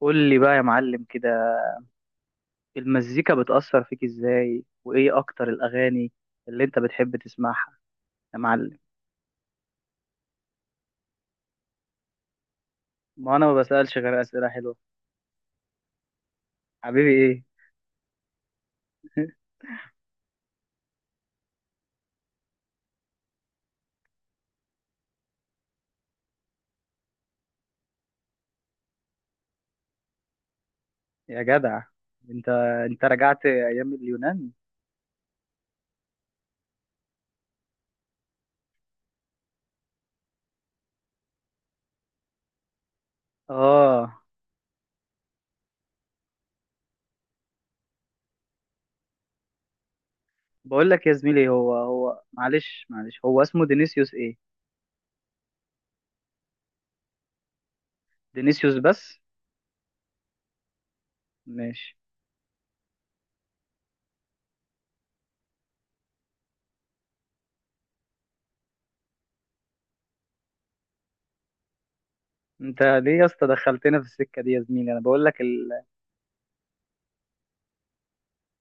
قول لي بقى يا معلم كده، المزيكا بتأثر فيك ازاي؟ وايه اكتر الاغاني اللي انت بتحب تسمعها يا معلم؟ ما انا ما بسألش غير اسئلة حلوة. حبيبي ايه؟ يا جدع! انت انت رجعت ايام اليونان؟ اه. بقول لك يا زميلي، هو معلش، هو اسمه دينيسيوس ايه؟ دينيسيوس بس؟ ماشي. انت ليه يا اسطى دخلتنا في السكة دي يا زميلي؟ انا بقول لك ال...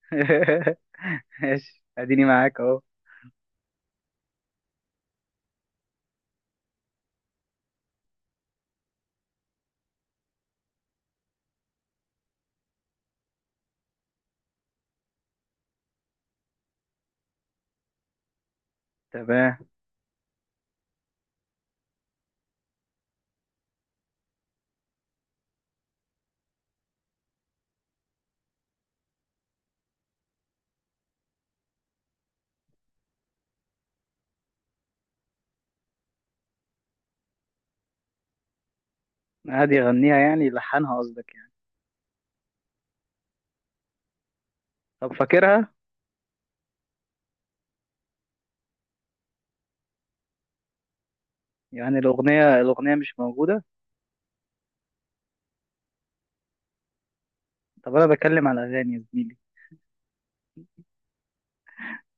ماشي، اديني معاك اهو. تمام. عادي يغنيها يعني؟ لحنها قصدك يعني؟ طب فاكرها؟ يعني الأغنية مش موجودة؟ طب أنا بتكلم على أغاني يا زميلي.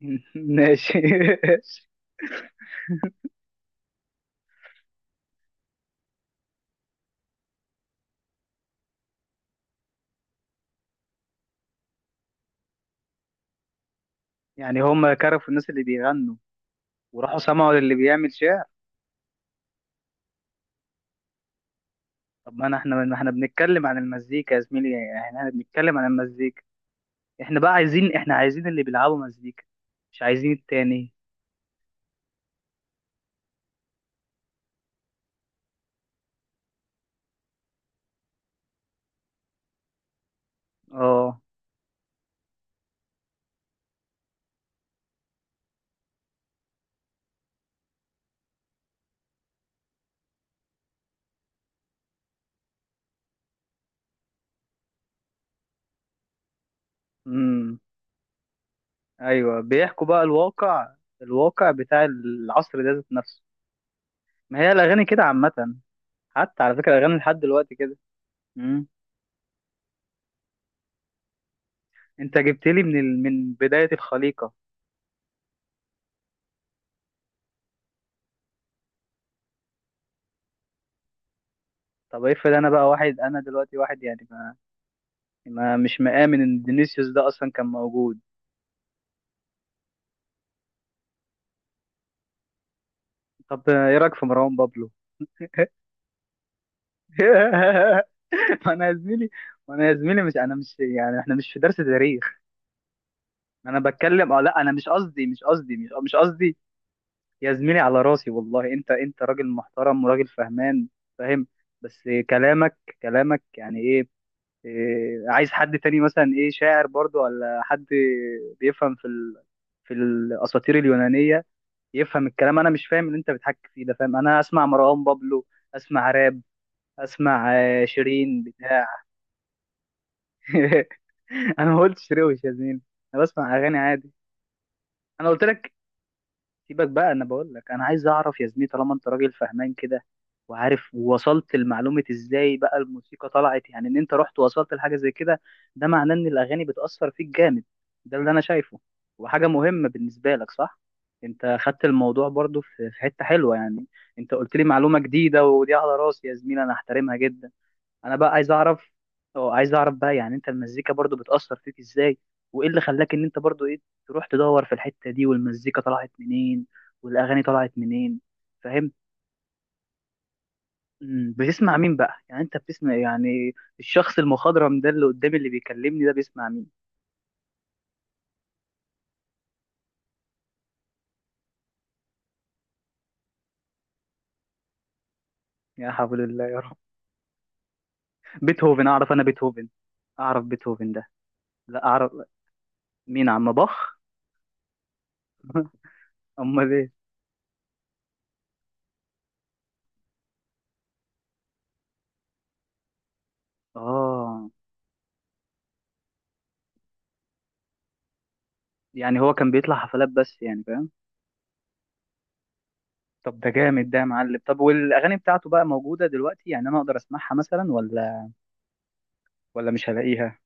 ماشي. يعني هم كرفوا الناس اللي بيغنوا وراحوا سمعوا للي بيعمل شعر؟ طب ما أنا إحنا ما إحنا بنتكلم عن المزيكا يا زميلي، يعني إحنا بنتكلم عن المزيكا. إحنا عايزين اللي بيلعبوا مزيكا، مش عايزين التاني. آه. أمم. أيوه، بيحكوا بقى الواقع، الواقع بتاع العصر ده ذات نفسه. ما هي الأغاني كده عامة. حتى على فكرة، الأغاني لحد دلوقتي كده. انت جبت لي من بداية الخليقة. طب افرض، انا دلوقتي واحد، يعني ما مش مآمن ان فينيسيوس ده اصلا كان موجود. طب ايه رايك في مروان بابلو؟ ما انا يا زميلي ما انا يا زميلي، مش انا، مش يعني احنا مش في درس تاريخ. انا بتكلم، لا انا مش قصدي. يا زميلي، على راسي والله، انت راجل محترم وراجل فهمان. فاهم. بس كلامك يعني ايه؟ إيه، عايز حد تاني مثلا، شاعر برضو، ولا حد بيفهم في في الاساطير اليونانيه يفهم الكلام؟ انا مش فاهم اللي انت بتحكي فيه ده، فاهم؟ انا اسمع مروان بابلو. اسمع راب. اسمع شيرين بتاع انا ما قلتش شيرين وشازين. انا بسمع اغاني عادي. انا قلت لك. سيبك بقى، انا بقول لك انا عايز اعرف يا زميلي، طالما انت راجل فهمان كده، وعارف، ووصلت لمعلومة ازاي بقى الموسيقى طلعت، يعني ان انت رحت ووصلت لحاجة زي كده. ده معناه ان الاغاني بتأثر فيك جامد، ده اللي انا شايفه. وحاجة مهمة بالنسبة لك، صح؟ انت خدت الموضوع برضو في حتة حلوة يعني. انت قلت لي معلومة جديدة، ودي على راسي يا زميلي، انا احترمها جدا. انا بقى عايز اعرف. اه، عايز اعرف بقى، يعني انت، المزيكا برضو بتأثر فيك ازاي؟ وايه اللي خلاك ان انت برضو ايه، تروح تدور في الحتة دي؟ والمزيكا طلعت منين؟ والاغاني طلعت منين؟ فاهم؟ بتسمع مين بقى؟ يعني انت بتسمع، يعني الشخص المخضرم ده اللي قدامي اللي بيكلمني ده بيسمع مين؟ يا حول الله يا رب! بيتهوفن؟ اعرف انا بيتهوفن. اعرف بيتهوفن ده. لا اعرف. مين عم باخ؟ امال ايه؟ اه. يعني هو كان بيطلع حفلات بس يعني، فاهم؟ طب ده جامد ده يا معلم. طب والاغاني بتاعته بقى موجوده دلوقتي؟ يعني انا اقدر اسمعها مثلا، ولا ولا مش هلاقيها؟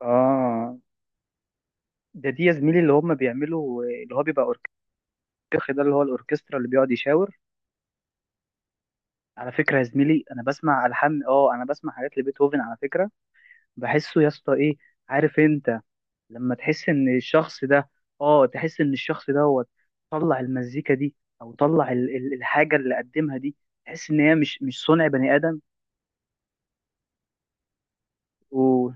اه. ده، دي يا زميلي اللي هم بيعملوا اللي هو بيبقى اوركسترا، ده اللي هو الاوركسترا اللي بيقعد يشاور. على فكره يا زميلي، انا بسمع الحان، انا بسمع حاجات لبيتهوفن على فكره. بحسه يا اسطى، ايه؟ عارف انت؟ لما تحس ان الشخص ده، اه، تحس ان الشخص دوت طلع المزيكا دي، او طلع الحاجه اللي قدمها دي، تحس ان هي مش صنع بني ادم. وهو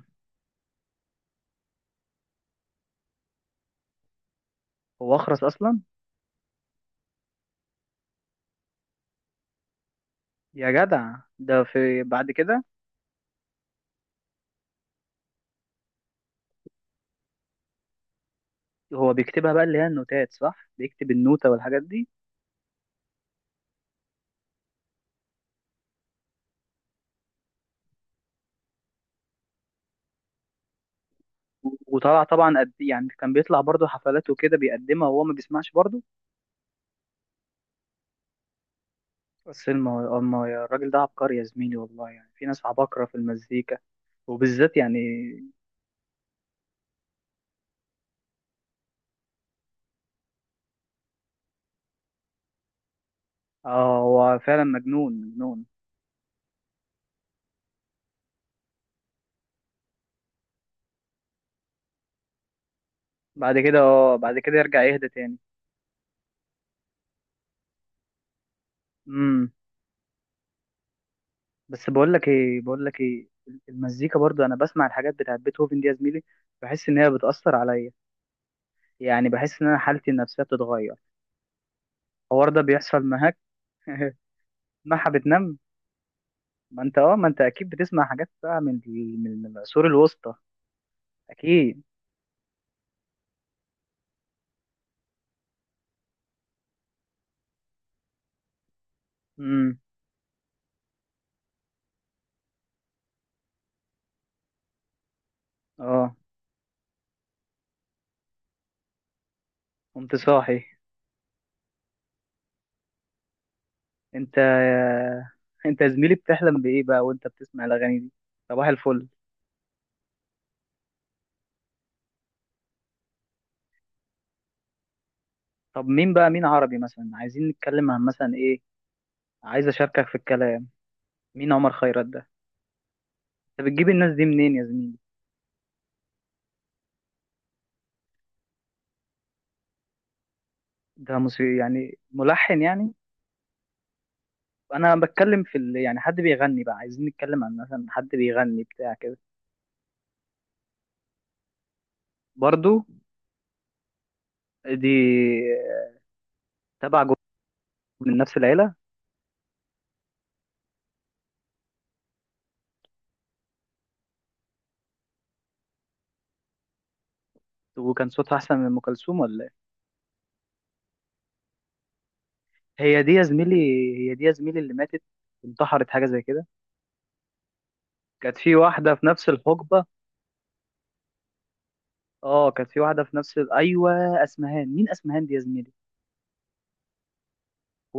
اخرس اصلا؟ يا جدع، ده في بعد كده؟ هو بيكتبها بقى، اللي هي النوتات صح؟ بيكتب النوتة والحاجات دي؟ وطلع طبعا قد، يعني كان بيطلع برضه حفلات وكده بيقدمها وهو ما بيسمعش برضه. بس الراجل ده عبقري يا زميلي والله، يعني في ناس عباقرة في المزيكا، وبالذات يعني. اه، هو فعلا مجنون مجنون. بعد كده يرجع يهدى تاني. امم. بس بقول لك ايه، بقول لك ايه، المزيكا برضه، انا بسمع الحاجات بتاعت بيتهوفن دي يا زميلي، بحس ان هي بتأثر عليا. يعني بحس ان انا حالتي النفسيه بتتغير. الحوار ده بيحصل معاك؟ معها بتنام؟ ما انت اكيد بتسمع حاجات بقى من ال- من من العصور الوسطى. اكيد. امم. اه، قمت صاحي. انت انت يا زميلي، بتحلم بايه بقى وانت بتسمع الاغاني دي؟ صباح الفل. طب مين عربي مثلا، عايزين نتكلم عن مثلا ايه؟ عايز اشاركك في الكلام. مين عمر خيرت ده؟ انت بتجيب الناس دي منين يا زميلي؟ ده موسيقى يعني، ملحن يعني؟ انا بتكلم في ال... يعني حد بيغني بقى، عايزين نتكلم عن مثلا حد بيغني بتاع كده. برضو؟ دي تبع جروب؟ من نفس العيله؟ وكان صوتها احسن من ام كلثوم، ولا ايه؟ هي دي يا زميلي، هي دي يا زميلي اللي ماتت، انتحرت حاجه زي كده؟ كانت في واحده في نفس الحقبه. اه كانت في واحده في نفس ال...، ايوه، اسمهان. مين اسمهان دي يا زميلي؟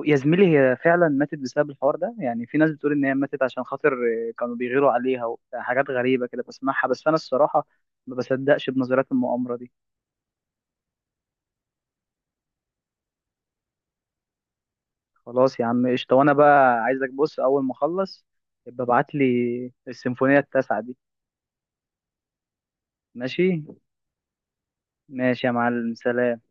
يا زميلي، هي فعلا ماتت بسبب الحوار ده؟ يعني في ناس بتقول ان هي ماتت عشان خاطر كانوا بيغيروا عليها، وحاجات غريبه كده بسمعها، بس انا الصراحه ما بصدقش بنظريات المؤامره دي. خلاص يا عم، قشطة. وانا بقى عايزك، بص، اول ما اخلص يبقى ابعت لي السيمفونية التاسعة دي. ماشي. ماشي يا معلم، سلام.